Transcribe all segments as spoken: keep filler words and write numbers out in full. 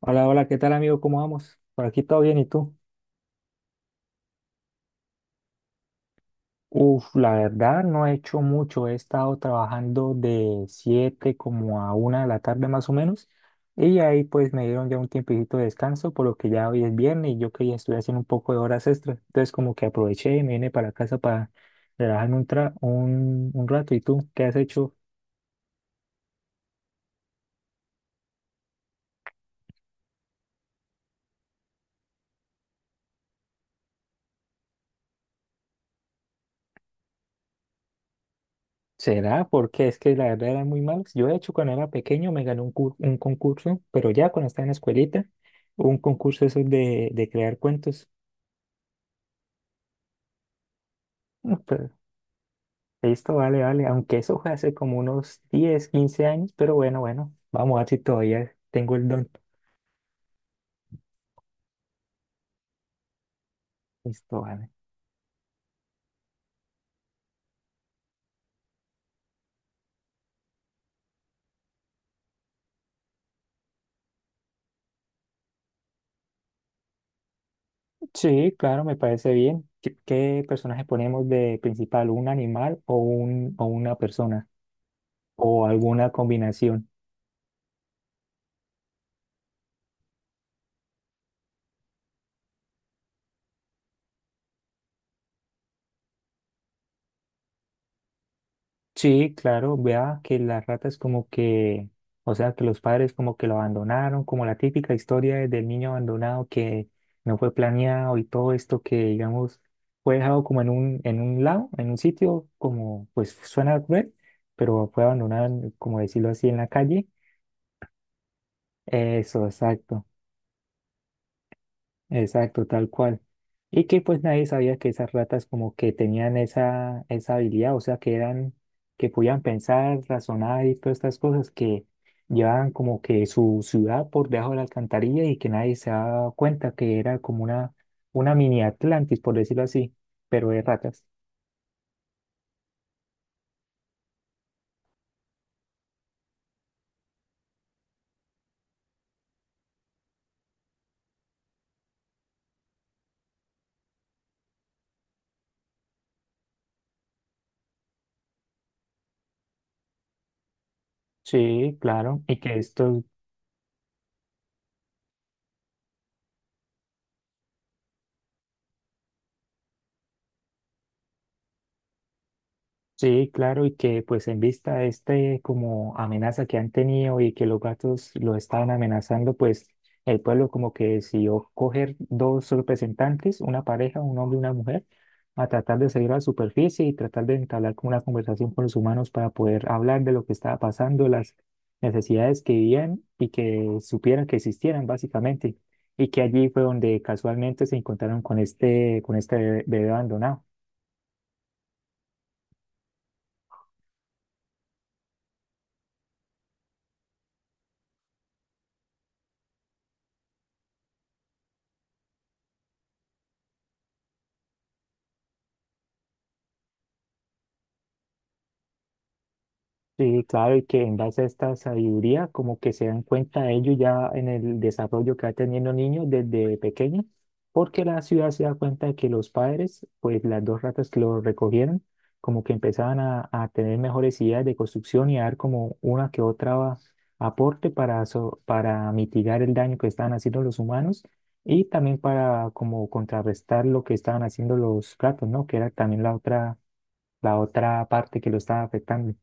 Hola, hola, ¿qué tal amigo? ¿Cómo vamos? Por aquí todo bien, ¿y tú? Uf, la verdad no he hecho mucho, he estado trabajando de siete como a una de la tarde más o menos y ahí pues me dieron ya un tiempito de descanso por lo que ya hoy es viernes y yo que ya estoy haciendo un poco de horas extras, entonces como que aproveché y me vine para casa para relajarme un, tra- un, un rato. ¿Y tú qué has hecho? ¿Será? Porque es que la verdad eran muy malos. Yo, de hecho, cuando era pequeño me gané un, cur- un concurso, pero ya cuando estaba en la escuelita, un concurso eso de, de crear cuentos. No, pero listo, vale, vale. Aunque eso fue hace como unos diez quince años, pero bueno, bueno, vamos a ver si todavía tengo el don. Listo, vale. Sí, claro, me parece bien. ¿Qué, qué personaje ponemos de principal? ¿Un animal o, un, o una persona? ¿O alguna combinación? Sí, claro, vea que las ratas como que, o sea, que los padres como que lo abandonaron, como la típica historia de- del niño abandonado que no fue planeado y todo esto que, digamos, fue dejado como en un, en un lado, en un sitio, como, pues suena cruel, pero fue abandonado, en- como decirlo así, en la calle. Eso, exacto. Exacto, tal cual. Y que pues nadie sabía que esas ratas como que tenían esa, esa habilidad, o sea, que eran, que podían pensar, razonar y todas estas cosas que llevaban como que su ciudad por debajo de la alcantarilla y que nadie se daba cuenta que era como una, una mini Atlantis, por decirlo así, pero de ratas. Sí, claro. Y que estos. Sí, claro, y que pues en vista de este como amenaza que han tenido y que los gatos los estaban amenazando, pues el pueblo como que decidió coger dos representantes, una pareja, un hombre y una mujer, a tratar de seguir a la superficie y tratar de entablar como una conversación con los humanos para poder hablar de lo que estaba pasando, las necesidades que vivían y que supieran que existieran básicamente. Y que allí fue donde casualmente se encontraron con este, con este bebé abandonado. Sí, claro, y que en base a esta sabiduría, como que se dan cuenta ellos ya en el desarrollo que va teniendo niños desde pequeños, porque la ciudad se da cuenta de que los padres, pues las dos ratas que los recogieron, como que empezaban a, a tener mejores ideas de construcción y a dar como una que otra aporte para, so- para mitigar el daño que estaban haciendo los humanos y también para como contrarrestar lo que estaban haciendo los gatos, ¿no? Que era también la otra, la otra parte que lo estaba afectando.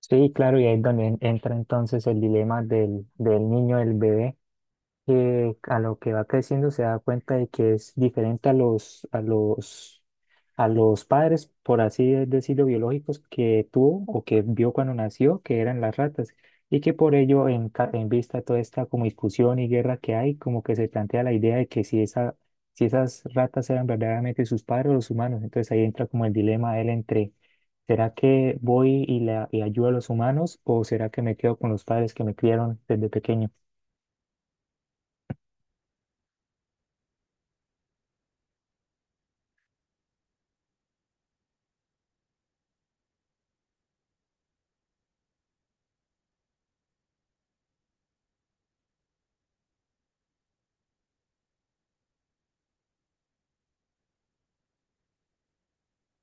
Sí, claro, y ahí es donde en- entra entonces el dilema del, del niño, del bebé que a lo que va creciendo se da cuenta de que es diferente a los, a los, a los padres, por así de- decirlo, biológicos que tuvo o que vio cuando nació, que eran las ratas, y que por ello, en, ca- en vista de toda esta como discusión y guerra que hay, como que se plantea la idea de que si esa, si esas ratas eran verdaderamente sus padres o los humanos, entonces ahí entra como el dilema de él entre... ¿Será que voy y, la, y ayudo a los humanos o será que me quedo con los padres que me criaron desde pequeño?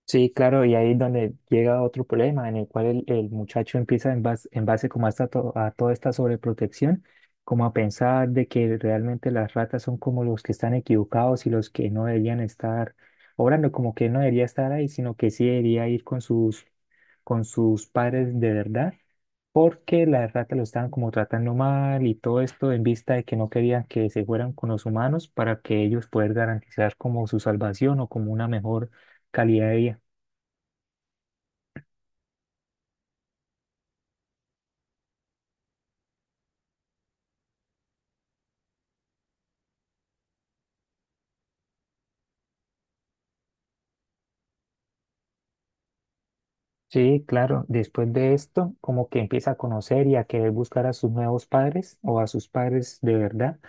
Sí, claro, y ahí es donde llega otro problema en el cual el, el muchacho empieza en base, en base como a, esta to- a toda esta sobreprotección, como a pensar de que realmente las ratas son como los que están equivocados y los que no deberían estar obrando, como que no debería estar ahí, sino que sí debería ir con sus, con sus padres de verdad, porque las ratas lo estaban como tratando mal y todo esto en vista de que no querían que se fueran con los humanos para que ellos puedan garantizar como su salvación o como una mejor calidad de vida. Sí, claro. Después de esto, como que empieza a conocer y a querer buscar a sus nuevos padres o a sus padres de verdad.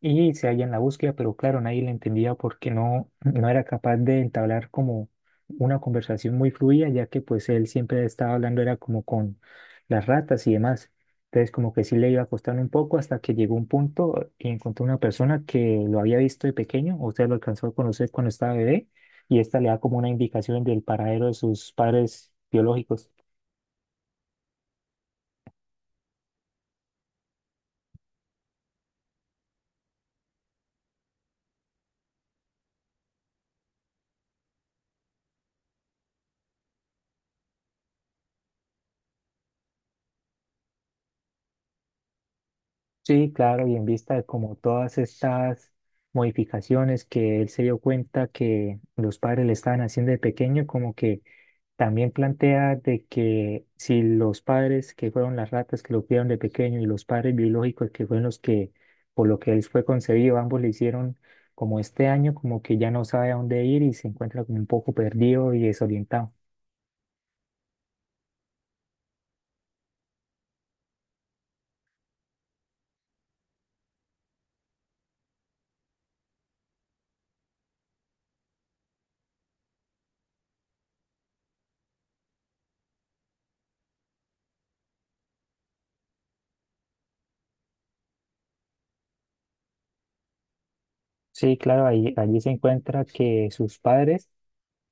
Y se halla en la búsqueda, pero claro, nadie le entendía porque no, no era capaz de entablar como una conversación muy fluida, ya que pues él siempre estaba hablando era como con las ratas y demás. Entonces como que sí le iba a costar un poco hasta que llegó un punto y encontró una persona que lo había visto de pequeño, o sea, lo alcanzó a conocer cuando estaba bebé y esta le da como una indicación del paradero de sus padres biológicos. Sí, claro, y en vista de como todas estas modificaciones que él se dio cuenta que los padres le estaban haciendo de pequeño, como que también plantea de que si los padres que fueron las ratas que lo criaron de pequeño y los padres biológicos que fueron los que por lo que él fue concebido, ambos le hicieron como este año, como que ya no sabe a dónde ir y se encuentra como un poco perdido y desorientado. Sí, claro, ahí- allí se encuentra que sus padres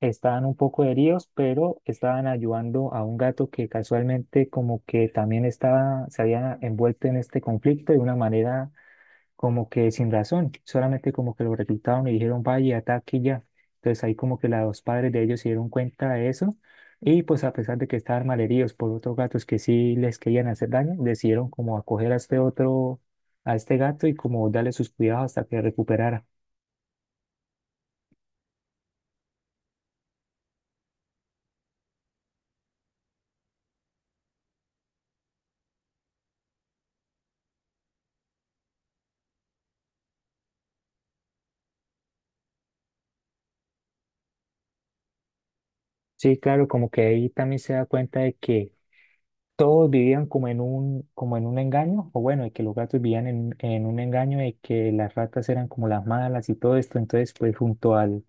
estaban un poco heridos, pero estaban ayudando a un gato que casualmente como que también estaba, se había envuelto en este conflicto de una manera como que sin razón, solamente como que lo reclutaron y dijeron, vaya, ataque y ya. Entonces ahí como que la- los padres de ellos se dieron cuenta de eso y pues a pesar de que estaban malheridos por otros gatos que sí les querían hacer daño, decidieron como acoger a este otro, a este gato y como darle sus cuidados hasta que recuperara. Sí, claro, como que ahí también se da cuenta de que todos vivían como en un, como en un engaño, o bueno, de que los gatos vivían en, en un engaño de que las ratas eran como las malas y todo esto. Entonces, pues junto al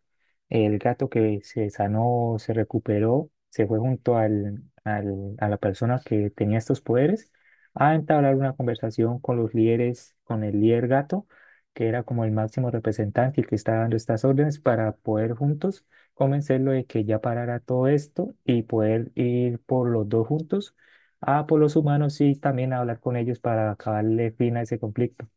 el gato que se sanó, se recuperó, se fue junto al, al- a la persona que tenía estos poderes a entablar una conversación con los líderes, con el líder gato, que era como el máximo representante y que estaba dando estas órdenes para poder juntos convencerlo de que ya parara todo esto y poder ir por los dos juntos a por los humanos y también hablar con ellos para acabarle fin a ese conflicto.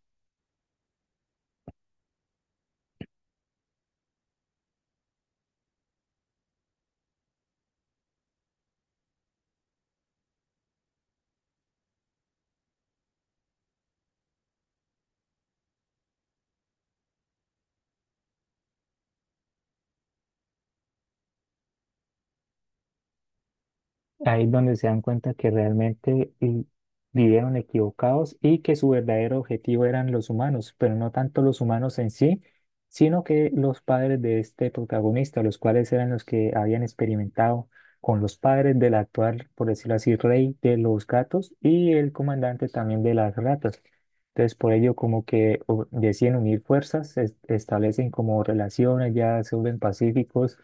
Ahí es donde se dan cuenta que realmente vi- vivieron equivocados y que su verdadero objetivo eran los humanos, pero no tanto los humanos en sí, sino que los padres de este protagonista, los cuales eran los que habían experimentado con los padres del actual, por decirlo así, rey de los gatos y el comandante también de las ratas. Entonces, por ello, como que o- deciden unir fuerzas, es- establecen como relaciones, ya se vuelven pacíficos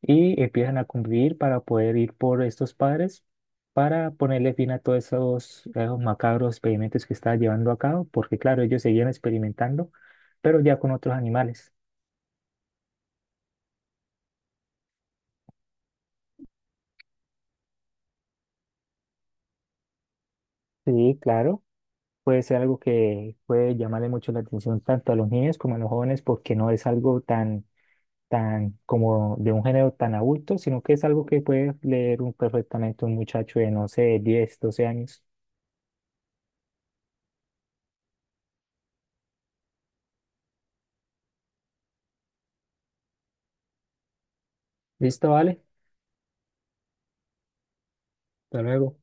y empiezan a convivir para poder ir por estos padres para ponerle fin a todos esos, esos macabros experimentos que estaba llevando a cabo, porque claro, ellos seguían experimentando, pero ya con otros animales. Sí, claro, puede ser algo que puede llamarle mucho la atención tanto a los niños como a los jóvenes, porque no es algo tan, tan como de un género tan adulto, sino que es algo que puede leer un, perfectamente un muchacho de, no sé, diez doce años. Listo, vale, hasta luego.